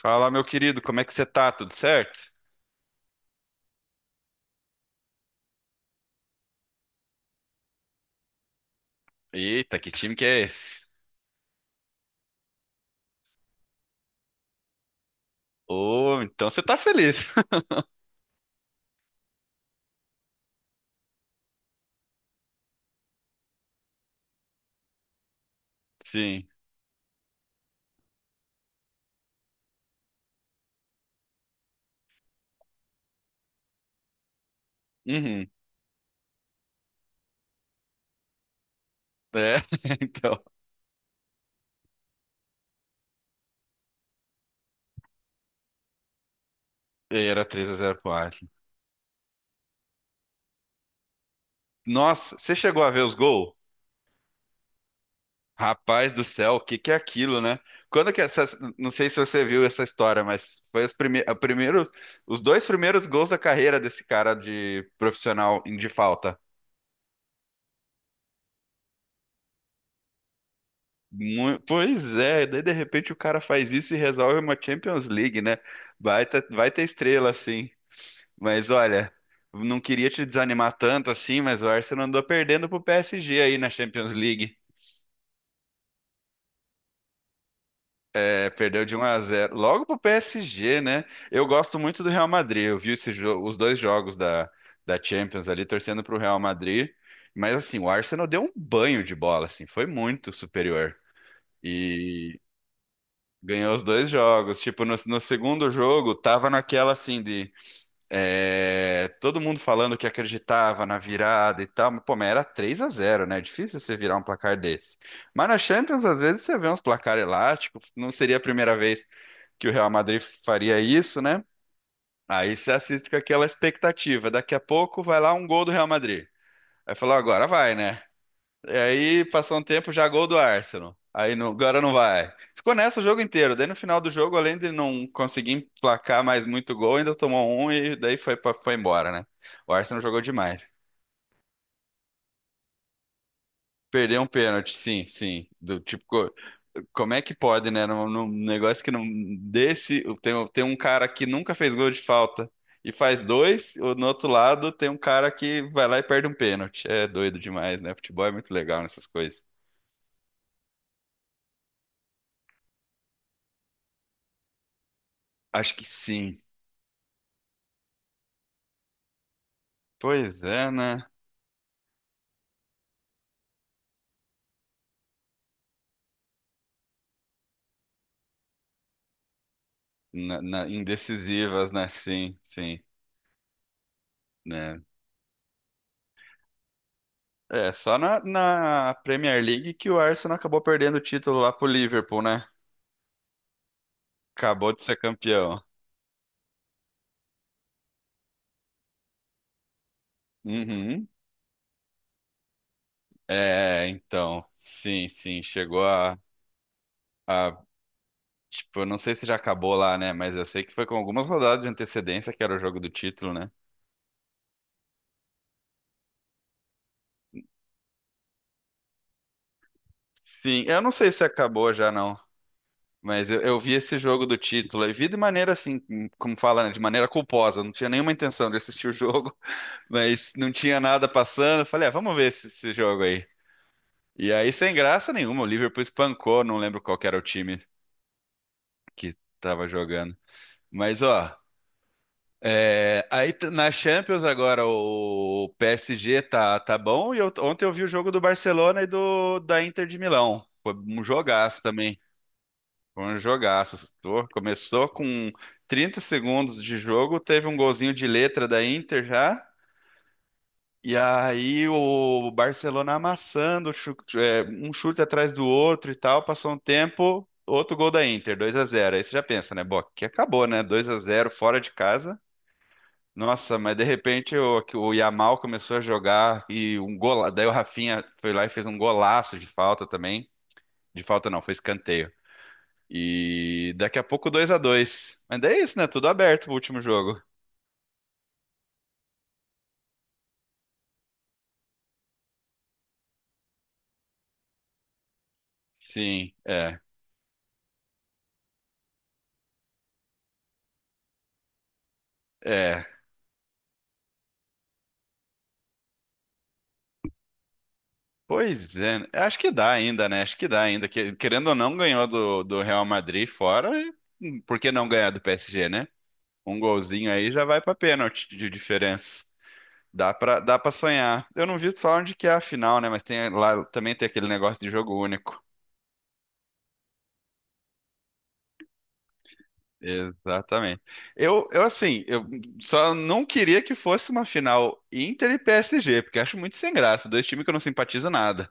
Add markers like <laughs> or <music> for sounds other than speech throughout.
Fala, meu querido, como é que você tá? Tudo certo? Eita, que time que é esse? Ô, então você tá feliz. <laughs> Sim. Uhum. É, <laughs> então. E aí, era 3x0 pro Arsenal. Nossa, você chegou a ver os gols? Rapaz do céu, o que que é aquilo, né? Quando que essa, não sei se você viu essa história, mas foi os dois primeiros gols da carreira desse cara de profissional de falta. Pois é, daí de repente o cara faz isso e resolve uma Champions League, né? Vai ter estrela, sim. Mas olha, não queria te desanimar tanto assim, mas o Arsenal andou perdendo pro PSG aí na Champions League. É, perdeu de 1 a 0 logo pro PSG, né? Eu gosto muito do Real Madrid. Eu vi os dois jogos da Champions ali, torcendo pro Real Madrid. Mas assim, o Arsenal deu um banho de bola, assim, foi muito superior. Ganhou os dois jogos. Tipo, no segundo jogo, tava naquela, assim, de, é, todo mundo falando que acreditava na virada e tal. Mas, pô, mas era 3 a 0, né? É difícil você virar um placar desse. Mas na Champions, às vezes, você vê uns placar elástico. Não seria a primeira vez que o Real Madrid faria isso, né? Aí você assiste com aquela expectativa. Daqui a pouco vai lá um gol do Real Madrid. Aí falou, agora vai, né? E aí passou um tempo, já gol do Arsenal. Aí não- agora não vai. Ficou nessa o jogo inteiro. Daí no final do jogo, além de não conseguir emplacar mais muito gol, ainda tomou um e daí foi embora, né? O Arsenal jogou demais. Perdeu um pênalti, sim, sim. Do tipo, como é que pode, né? Num negócio que não desse, tem um cara que nunca fez gol de falta e faz dois, ou no outro lado tem um cara que vai lá e perde um pênalti. É doido demais, né? Futebol é muito legal nessas coisas. Acho que sim. Pois é, né? Indecisivas, né? Sim, sim, né? É, só na Premier League que o Arsenal acabou perdendo o título lá pro Liverpool, né? Acabou de ser campeão. Uhum. É, então, sim, sim, chegou a, tipo, eu não sei se já acabou lá, né? Mas eu sei que foi com algumas rodadas de antecedência que era o jogo do título, né? Sim, eu não sei se acabou já, não. Mas eu vi esse jogo do título e vi de maneira assim, como fala, né? De maneira culposa. Não tinha nenhuma intenção de assistir o jogo. Mas não tinha nada passando. Eu falei, ah, vamos ver esse jogo aí. E aí, sem graça nenhuma, o Liverpool espancou. Não lembro qual que era o time que tava jogando. Mas, ó, é, aí t- na Champions agora o PSG tá bom. Ontem eu vi o jogo do Barcelona e do da Inter de Milão. Foi um jogaço também. Foi um jogaço. Começou com 30 segundos de jogo, teve um golzinho de letra da Inter já. E aí o Barcelona amassando, é, um chute atrás do outro e tal. Passou um tempo, outro gol da Inter, 2 a 0. Aí você já pensa, né? Bom, que acabou, né? 2 a 0 fora de casa. Nossa, mas de repente que o Yamal começou a jogar e um gola, daí o Rafinha foi lá e fez um golaço de falta também. De falta não, foi escanteio. E daqui a pouco 2 a 2. Mas daí é isso, né? Tudo aberto o último jogo. Sim, é. É, pois é, acho que dá ainda, né? Acho que dá ainda. Que- Querendo ou não, ganhou do Real Madrid fora. E por que não ganhar do PSG, né? Um golzinho aí já vai pra pênalti de diferença. Dá pra dá para sonhar. Eu não vi só onde que é a final, né? Mas tem lá também tem aquele negócio de jogo único. Exatamente. Eu assim, eu só não queria que fosse uma final Inter e PSG, porque acho muito sem graça. Dois times que eu não simpatizo nada.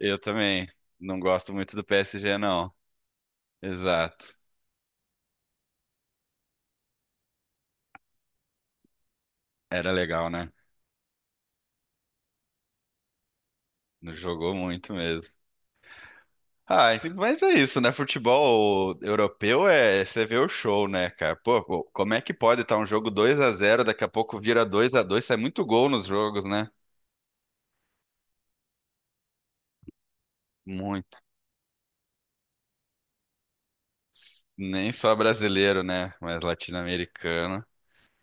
Eu também não gosto muito do PSG, não. Exato. Era legal, né? Não jogou muito mesmo. Ah, ent- mas é isso, né? Futebol europeu é você vê o show, né, cara? Pô, pô, como é que pode estar um jogo 2 a 0, daqui a pouco vira 2 a 2, sai muito gol nos jogos, né? Muito. Nem só brasileiro, né? Mas latino-americano.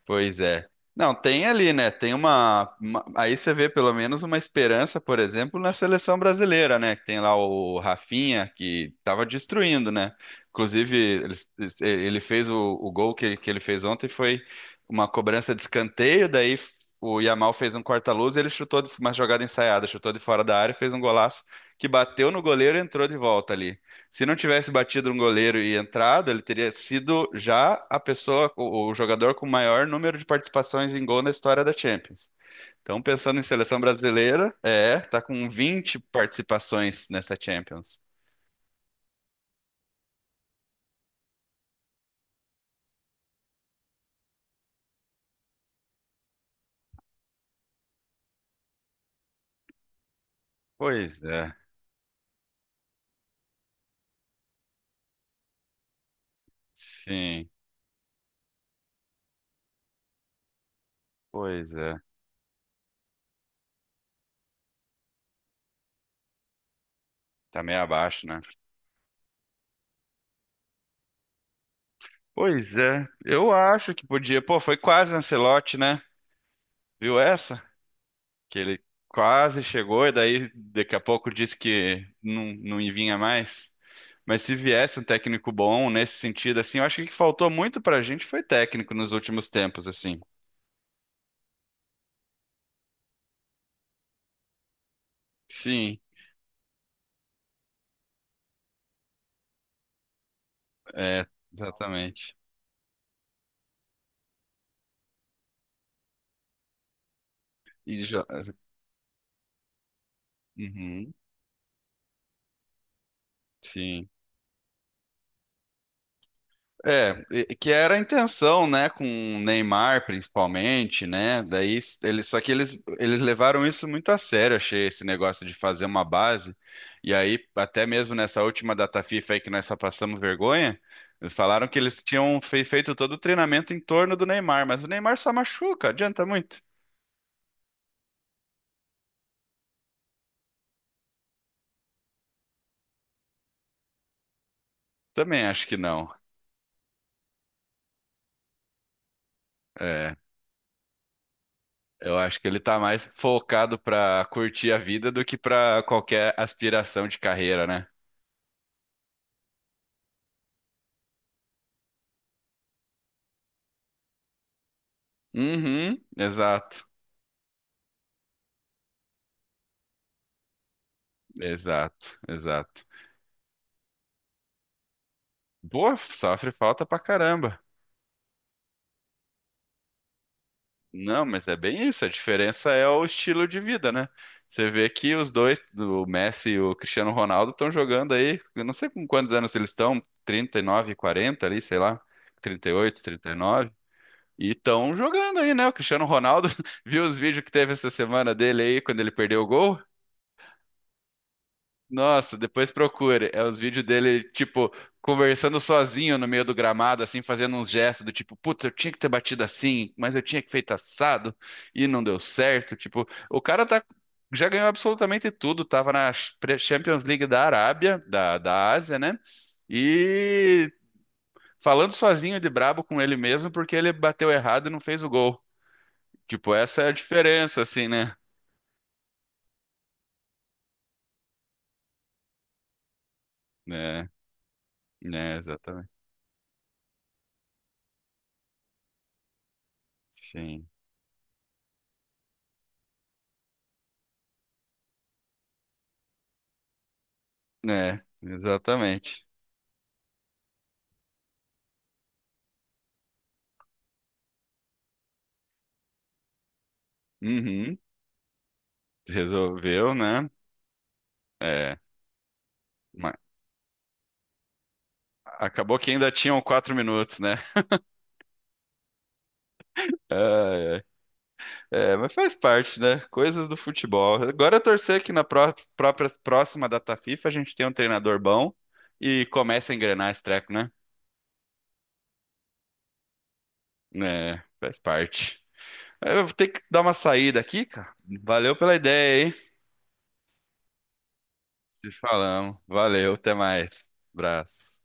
Pois é. Não, tem ali, né? Aí você vê pelo menos uma esperança, por exemplo, na seleção brasileira, né? Que tem lá o Rafinha, que estava destruindo, né? Inclusive, ele, ele fez o gol que ele fez ontem, foi uma cobrança de escanteio, daí o Yamal fez um corta-luz e ele chutou uma jogada ensaiada, chutou de fora da área, fez um golaço que bateu no goleiro e entrou de volta ali. Se não tivesse batido um goleiro e entrado, ele teria sido já a pessoa, o jogador com maior número de participações em gol na história da Champions. Então, pensando em seleção brasileira, é, tá com 20 participações nessa Champions. Pois é, sim, pois é. Tá meio abaixo, né? Pois é, eu acho que podia. Pô, foi quase o Ancelotti, né? Viu essa? Que ele quase chegou e daí daqui a pouco disse que não, não vinha mais. Mas se viesse um técnico bom nesse sentido, assim, eu acho que o que faltou muito pra gente foi técnico nos últimos tempos, assim. Sim, é, exatamente. E já. Uhum, sim. É, que era a intenção, né, com o Neymar principalmente, né? Daí s- eles só que eles levaram isso muito a sério, achei esse negócio de fazer uma base. E aí até mesmo nessa última data FIFA aí que nós só passamos vergonha, eles falaram que eles tinham feito todo o treinamento em torno do Neymar, mas o Neymar só machuca, adianta muito? Também acho que não. É, eu acho que ele tá mais focado pra curtir a vida do que pra qualquer aspiração de carreira, né? Uhum, exato. Exato, exato. Boa, sofre falta pra caramba. Não, mas é bem isso. A diferença é o estilo de vida, né? Você vê que os dois, o Messi e o Cristiano Ronaldo, estão jogando aí. Eu não sei com quantos anos eles estão, 39, 40 ali, sei lá, trinta e oito, 39. E estão jogando aí, né? O Cristiano Ronaldo, <laughs> viu os vídeos que teve essa semana dele aí, quando ele perdeu o gol? Nossa, depois procure. É os vídeos dele, tipo, conversando sozinho no meio do gramado, assim, fazendo uns gestos do tipo, putz, eu tinha que ter batido assim, mas eu tinha que feito assado e não deu certo. Tipo, o cara tá, já ganhou absolutamente tudo. Tava na Champions League da Arábia, da Ásia, né? E falando sozinho de brabo com ele mesmo, porque ele bateu errado e não fez o gol. Tipo, essa é a diferença, assim, né? É, né, exatamente. Sim. É, exatamente. Uhum, resolveu, né? É, ma- acabou que ainda tinham 4 minutos, né? <laughs> Ai, ai. É, mas faz parte, né? Coisas do futebol. Agora é torcer que na próxima data FIFA a gente tenha um treinador bom e comece a engrenar esse treco, né? É, faz parte. É, eu vou ter que dar uma saída aqui, cara. Valeu pela ideia, hein? Se falamos. Valeu, até mais. Abraço.